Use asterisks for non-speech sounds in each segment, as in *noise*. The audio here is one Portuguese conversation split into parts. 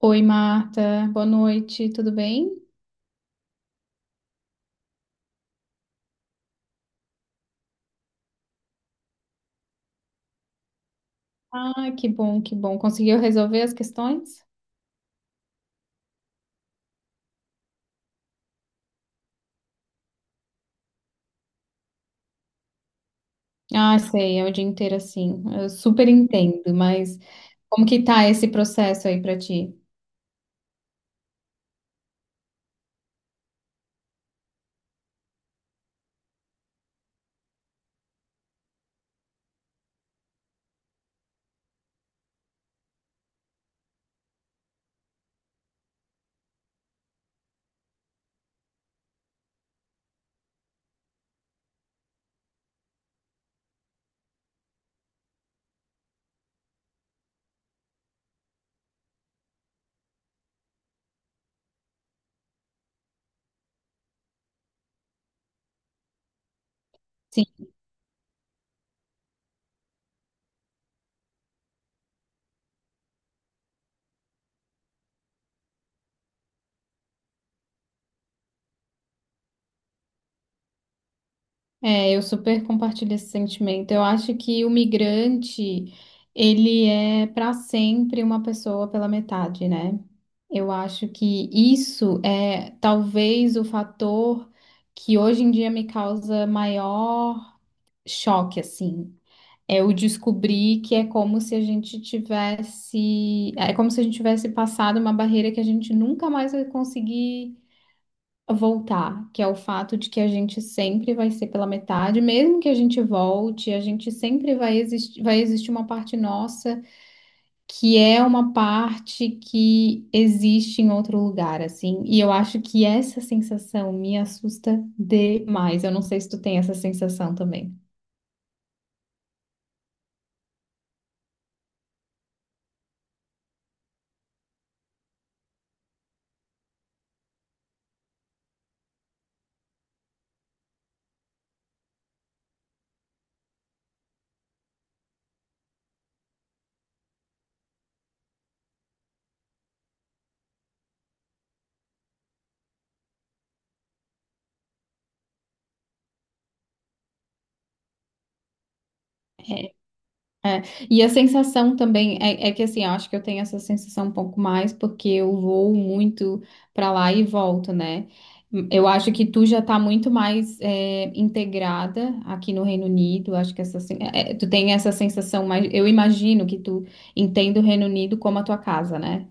Oi, Marta. Boa noite, tudo bem? Ah, que bom, que bom. Conseguiu resolver as questões? Ah, sei, é o dia inteiro assim. Eu super entendo, mas como que tá esse processo aí pra ti? Sim. É, eu super compartilho esse sentimento. Eu acho que o migrante, ele é para sempre uma pessoa pela metade, né? Eu acho que isso é talvez o fator que hoje em dia me causa maior choque, assim. Eu descobri que é como se a gente tivesse, é como se a gente tivesse passado uma barreira que a gente nunca mais vai conseguir voltar, que é o fato de que a gente sempre vai ser pela metade, mesmo que a gente volte, a gente sempre vai existir uma parte nossa que é uma parte que existe em outro lugar, assim. E eu acho que essa sensação me assusta demais. Eu não sei se tu tem essa sensação também. É, e a sensação também é que assim, eu acho que eu tenho essa sensação um pouco mais porque eu vou muito pra lá e volto, né? Eu acho que tu já tá muito mais integrada aqui no Reino Unido. Acho que essa, tu tem essa sensação mais. Eu imagino que tu entenda o Reino Unido como a tua casa, né?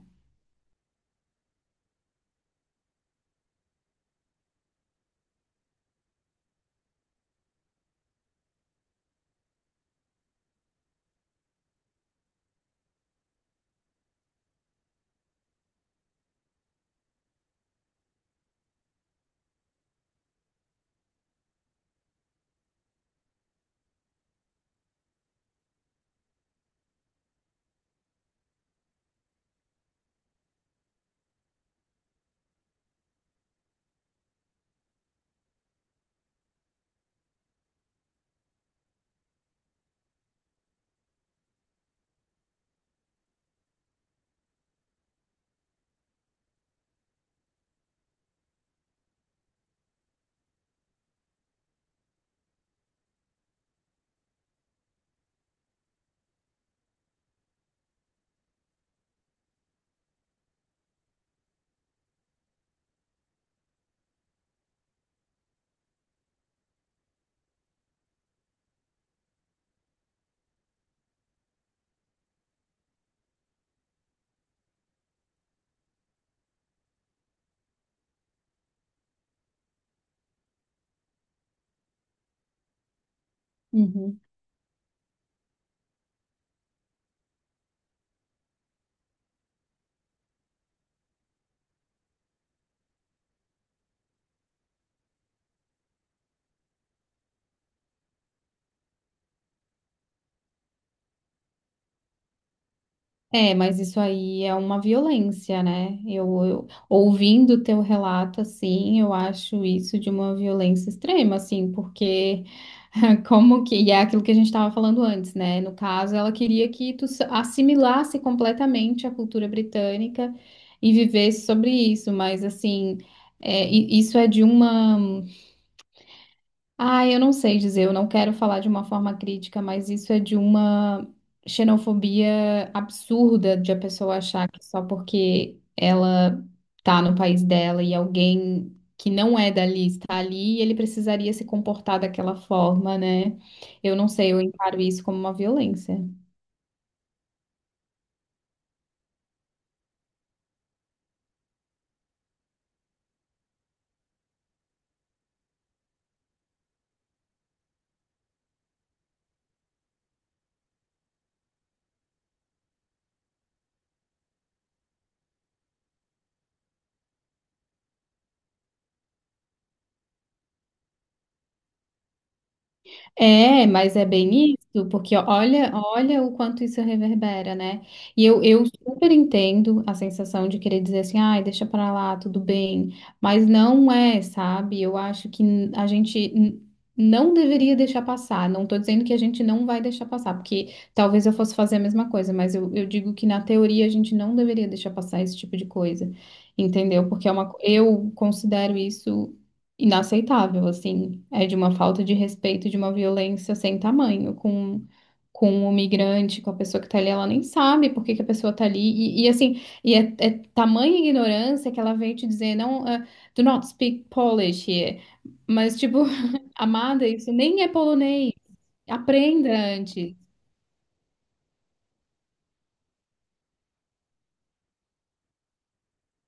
Uhum. É, mas isso aí é uma violência, né? Eu ouvindo o teu relato assim, eu acho isso de uma violência extrema, assim, porque *laughs* como que, e é aquilo que a gente estava falando antes, né? No caso, ela queria que assimilasse completamente a cultura britânica e vivesse sobre isso, mas assim, isso é de uma eu não sei dizer, eu não quero falar de uma forma crítica, mas isso é de uma xenofobia absurda de a pessoa achar que só porque ela tá no país dela e alguém que não é dali está ali, ele precisaria se comportar daquela forma, né? Eu não sei, eu encaro isso como uma violência. É, mas é bem isso, porque olha, olha o quanto isso reverbera, né? E eu super entendo a sensação de querer dizer assim, ai, deixa pra lá, tudo bem, mas não é, sabe? Eu acho que a gente não deveria deixar passar, não tô dizendo que a gente não vai deixar passar, porque talvez eu fosse fazer a mesma coisa, mas eu digo que na teoria a gente não deveria deixar passar esse tipo de coisa, entendeu? Porque é eu considero isso inaceitável, assim. É de uma falta de respeito, de uma violência sem tamanho com o migrante, com a pessoa que tá ali. Ela nem sabe por que que a pessoa tá ali. É tamanha ignorância que ela vem te dizer, não, do not speak Polish here. Mas, tipo, *laughs* amada, isso nem é polonês. Aprenda antes.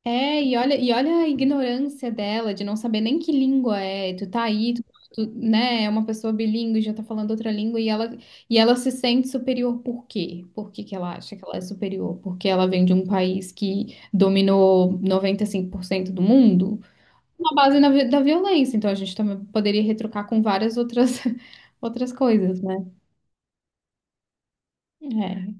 É, e olha a ignorância dela de não saber nem que língua é. Tu tá aí, tu, né? É uma pessoa bilíngue, já tá falando outra língua e e ela se sente superior por quê? Por que que ela acha que ela é superior? Porque ela vem de um país que dominou 95% do mundo? Na base da violência. Então a gente também poderia retrucar com várias outras, *laughs* outras coisas, né? É.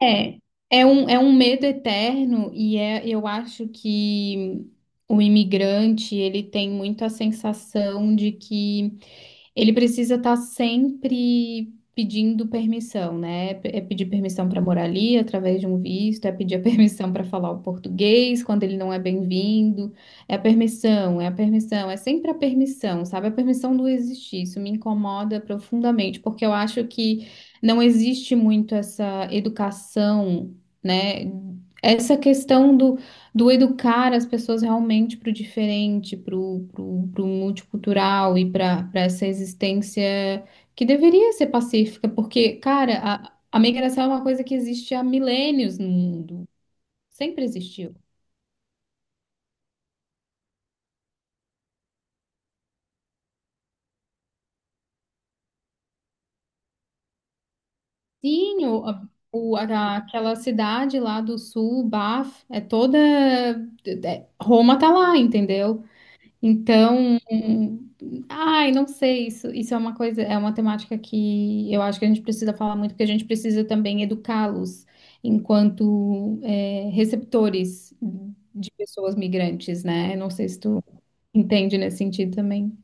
É, é um medo eterno e é, eu acho que o imigrante, ele tem muito a sensação de que ele precisa estar sempre pedindo permissão, né? É pedir permissão para morar ali através de um visto, é pedir a *laughs* permissão para falar o português quando ele não é bem-vindo. É a permissão, é a permissão, é sempre a permissão, sabe? A permissão do existir. Isso me incomoda profundamente, porque eu acho que não existe muito essa educação, né? Essa questão do educar as pessoas realmente para o diferente, para o multicultural e para essa existência que deveria ser pacífica, porque, cara, a migração é uma coisa que existe há milênios no mundo, sempre existiu. Sim, aquela cidade lá do sul, Baf, é toda. É Roma tá lá, entendeu? Então, ai, não sei, isso é uma coisa, é uma temática que eu acho que a gente precisa falar muito, porque a gente precisa também educá-los enquanto receptores de pessoas migrantes, né? Eu não sei se tu entende nesse sentido também.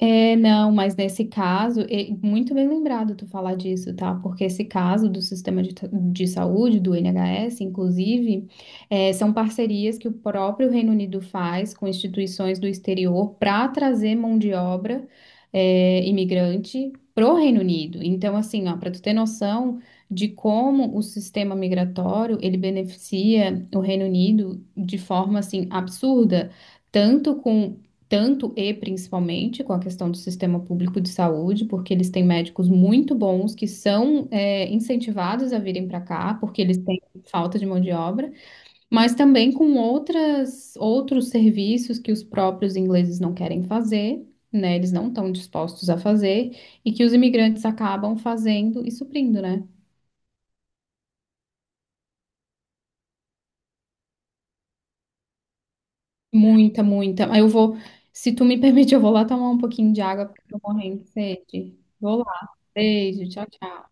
É, não, mas nesse caso, muito bem lembrado tu falar disso, tá? Porque esse caso do sistema de saúde, do NHS, inclusive, são parcerias que o próprio Reino Unido faz com instituições do exterior para trazer mão de obra, imigrante pro Reino Unido. Então, assim, ó, para tu ter noção de como o sistema migratório ele beneficia o Reino Unido de forma assim absurda tanto com tanto e principalmente com a questão do sistema público de saúde, porque eles têm médicos muito bons que são incentivados a virem para cá, porque eles têm falta de mão de obra, mas também com outros serviços que os próprios ingleses não querem fazer. Né, eles não estão dispostos a fazer e que os imigrantes acabam fazendo e suprindo, né? Muita, muita. Eu vou, se tu me *laughs* permite, eu vou lá tomar um pouquinho de água porque eu tô morrendo de sede. Vou lá. Beijo, tchau, tchau.